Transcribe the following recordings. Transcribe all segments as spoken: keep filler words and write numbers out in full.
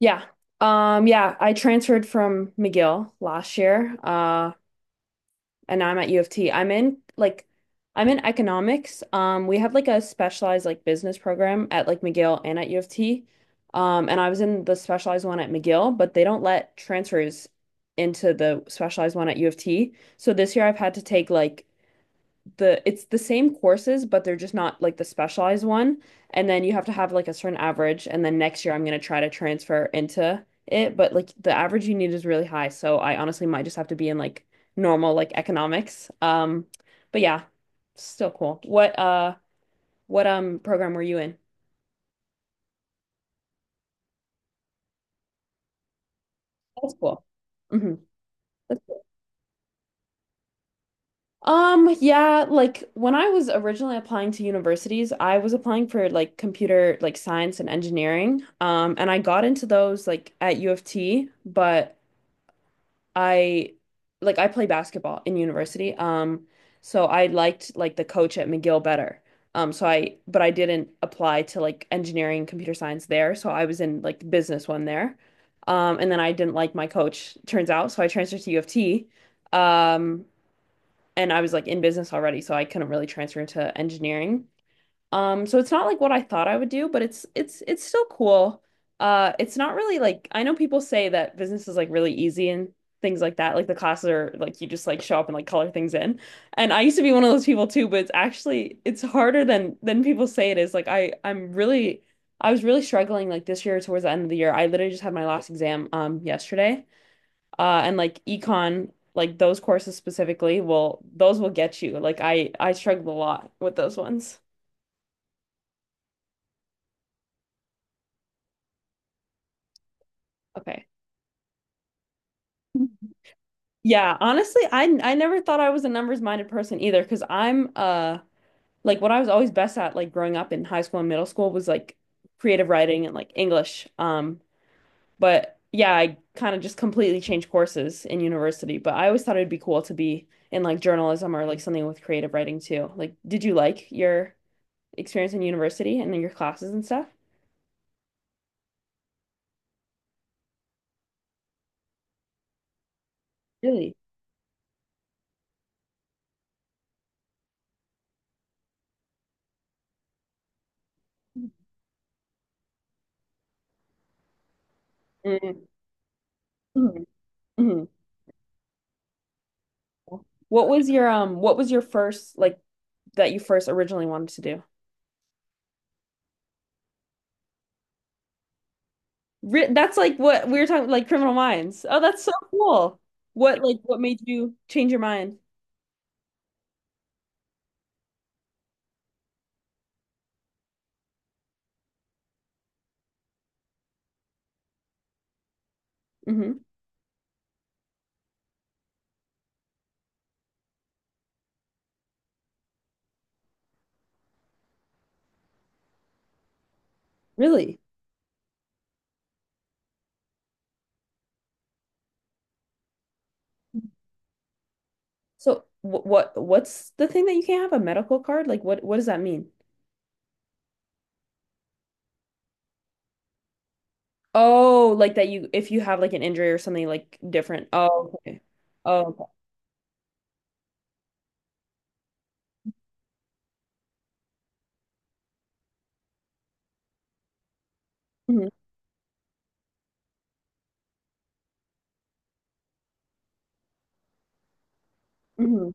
Yeah. Um, yeah, I transferred from McGill last year, uh, and now I'm at U of T. I'm in like I'm in economics. Um, we have like a specialized like business program at like McGill and at U of T. Um, and I was in the specialized one at McGill, but they don't let transfers into the specialized one at U of T. So this year I've had to take like the it's the same courses, but they're just not like the specialized one. And then you have to have like a certain average. And then next year I'm gonna try to transfer into it. But like the average you need is really high. So I honestly might just have to be in like normal like economics. Um, but yeah, still cool. What uh what um program were you in? That's cool. hmm That's cool. Um, yeah, like when I was originally applying to universities, I was applying for like computer, like science and engineering. Um, and I got into those like at U of T, but I like I play basketball in university. Um, so I liked like the coach at McGill better. Um, so I But I didn't apply to like engineering, computer science there, so I was in like the business one there. Um, and then I didn't like my coach, turns out, so I transferred to U of T. Um, and I was like in business already, so I couldn't really transfer into engineering. Um, so it's not like what I thought I would do, but it's it's it's still cool. Uh, it's not really like I know people say that business is like really easy and things like that. Like the classes are like you just like show up and like color things in. And I used to be one of those people too, but it's actually it's harder than than people say it is. Like I I'm really I was really struggling like this year towards the end of the year. I literally just had my last exam um yesterday uh and like econ like those courses specifically will those will get you like I I struggled a lot with those ones. Okay. Yeah, honestly I I never thought I was a numbers minded person either because I'm uh like what I was always best at like growing up in high school and middle school was like creative writing and like English, um but yeah, I kind of just completely changed courses in university, but I always thought it'd be cool to be in like journalism or like something with creative writing too. Like did you like your experience in university and in your classes and stuff? Really? Mhm. Mhm. Mhm. What was your um what was your first like that you first originally wanted to do? Ri That's like what we were talking, like Criminal Minds. Oh, that's so cool. What like what made you change your mind? Hmm. Really? So wh what what's the thing that you can't have a medical card? Like what what does that mean? Oh, like that you if you have like an injury or something like different. Oh, okay. Oh, okay. Mhm. Mhm.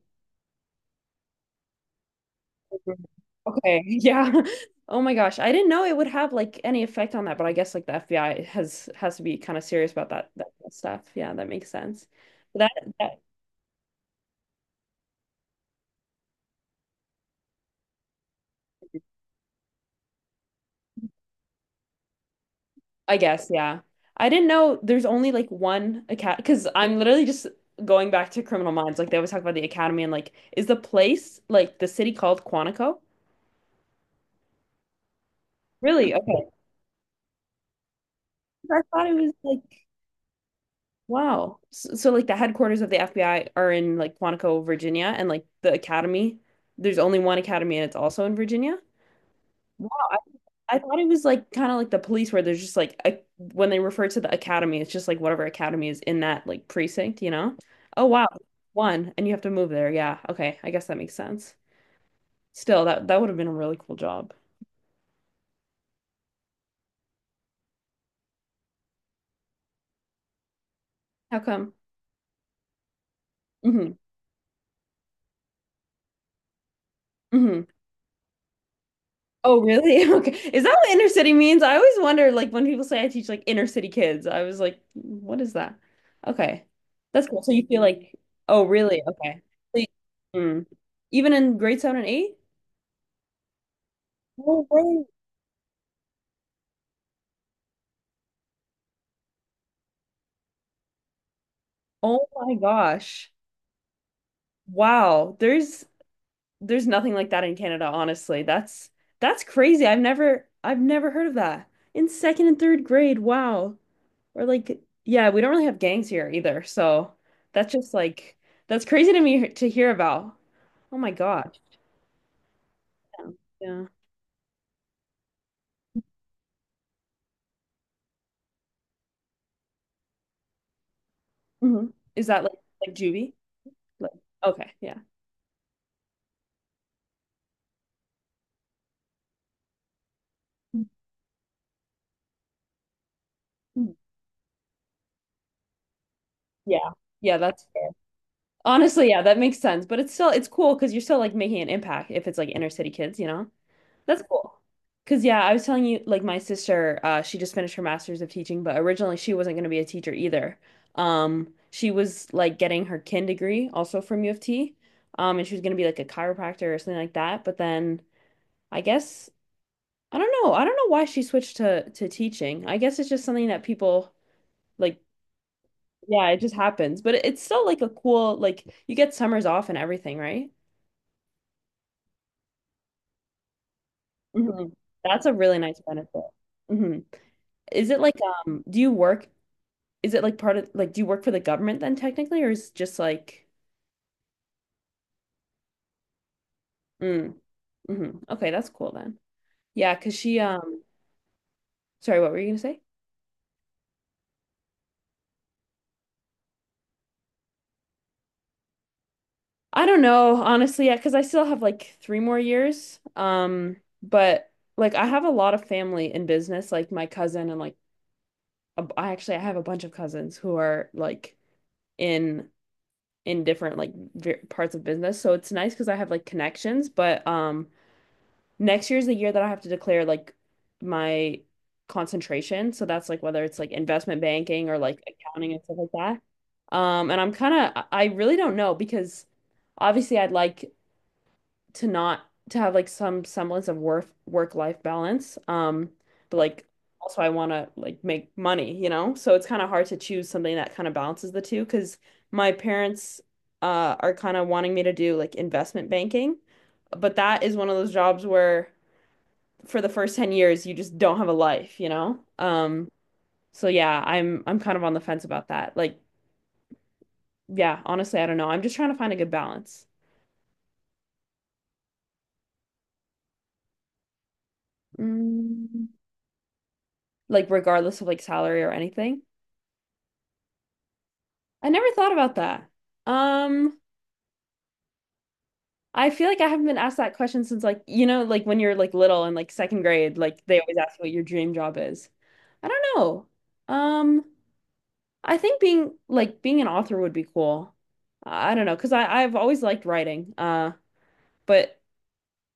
Okay, yeah. Oh my gosh, I didn't know it would have like any effect on that, but I guess like the F B I has has to be kind of serious about that that stuff. Yeah, that makes sense. That, that I guess, yeah. I didn't know there's only like one academy because I'm literally just going back to Criminal Minds. Like they always talk about the academy, and like is the place, like the city called Quantico? Really? Okay. I thought it was like. Wow. So, so like the headquarters of the F B I are in like Quantico, Virginia, and like the academy, there's only one academy and it's also in Virginia. Wow. I, I thought it was like kind of like the police where there's just like a, when they refer to the academy, it's just like whatever academy is in that like precinct, you know? Oh wow. One, and you have to move there. Yeah. Okay. I guess that makes sense. Still, that that would have been a really cool job. How come? Hmm. Hmm. Oh, really? Okay. Is that what inner city means? I always wonder, like, when people say I teach like inner city kids, I was like, what is that? Okay. That's cool. So you feel like, oh, really? Okay. So you- mm. Even in grade seven and eight? No way. Oh my gosh. Wow. There's there's nothing like that in Canada, honestly. That's that's crazy. I've never I've never heard of that. In second and third grade. Wow. Or like, yeah, we don't really have gangs here either. So that's just like that's crazy to me to hear about. Oh my gosh. Yeah. Yeah. Mhm. Is that like like juvie? Like, okay, yeah. Mhm. Yeah. Yeah, that's fair. Honestly, yeah, that makes sense. But it's still it's cool because you're still like making an impact if it's like inner city kids, you know? That's cool. Because, yeah, I was telling you, like, my sister, uh, she just finished her master's of teaching, but originally she wasn't going to be a teacher either. Um, she was like getting her kin degree also from U of T. Um, and she was going to be like a chiropractor or something like that. But then I guess, I don't know. I don't know why she switched to, to teaching. I guess it's just something that people like, yeah, it just happens. But it- it's still like a cool, like, you get summers off and everything, right? Mhm. That's a really nice benefit. Hmm. Is it like, um, do you work is it like part of like do you work for the government then technically, or is it just like mm, hmm okay, that's cool then. Yeah, because she, um sorry, what were you gonna say? I don't know, honestly, yeah, because I still have like three more years. Um, but like I have a lot of family in business, like my cousin and like a b- I actually I have a bunch of cousins who are like in in different like ver parts of business. So it's nice because I have like connections, but um next year is the year that I have to declare like my concentration. So that's like whether it's like investment banking or like accounting and stuff like that. Um, and I'm kind of, I really don't know because obviously I'd like to not to have like some semblance of work work life balance. Um, but like also I want to like make money, you know? So it's kind of hard to choose something that kind of balances the two because my parents, uh are kind of wanting me to do like investment banking, but that is one of those jobs where for the first ten years you just don't have a life, you know? Um, so yeah, I'm I'm kind of on the fence about that. Like, yeah, honestly, I don't know. I'm just trying to find a good balance. Mm, like regardless of like salary or anything. I never thought about that. Um, I feel like I haven't been asked that question since like, you know, like when you're like little and like second grade, like they always ask what your dream job is. I don't know. Um, I think being like being an author would be cool. I I don't know, because I I've always liked writing. Uh, but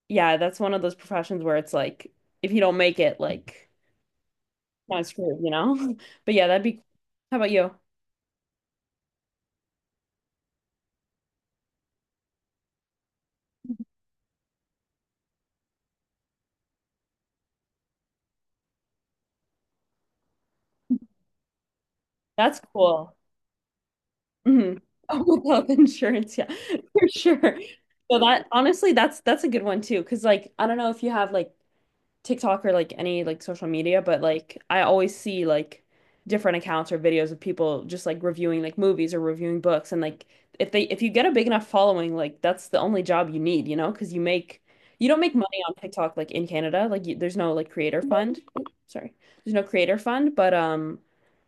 yeah, that's one of those professions where it's like if you don't make it, like kind of screwed, you know? But yeah, that'd be. How about you? That's cool. Hmm. Oh, health insurance, yeah, for sure. So that honestly, that's that's a good one too, because like I don't know if you have like TikTok or like any like social media, but like I always see like different accounts or videos of people just like reviewing like movies or reviewing books, and like if they if you get a big enough following, like that's the only job you need, you know, because you make you don't make money on TikTok like in Canada, like you, there's no like creator fund. Oop, sorry. There's no creator fund, but um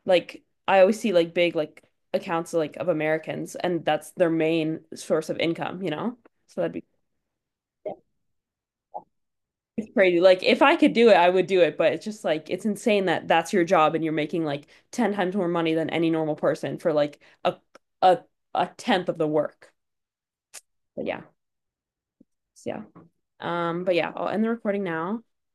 like I always see like big like accounts like of Americans, and that's their main source of income, you know? So that'd be It's crazy. Like if I could do it, I would do it, but it's just like it's insane that that's your job and you're making like ten times more money than any normal person for like a a a tenth of the work. But yeah. So, yeah. Um, but yeah, I'll end the recording now.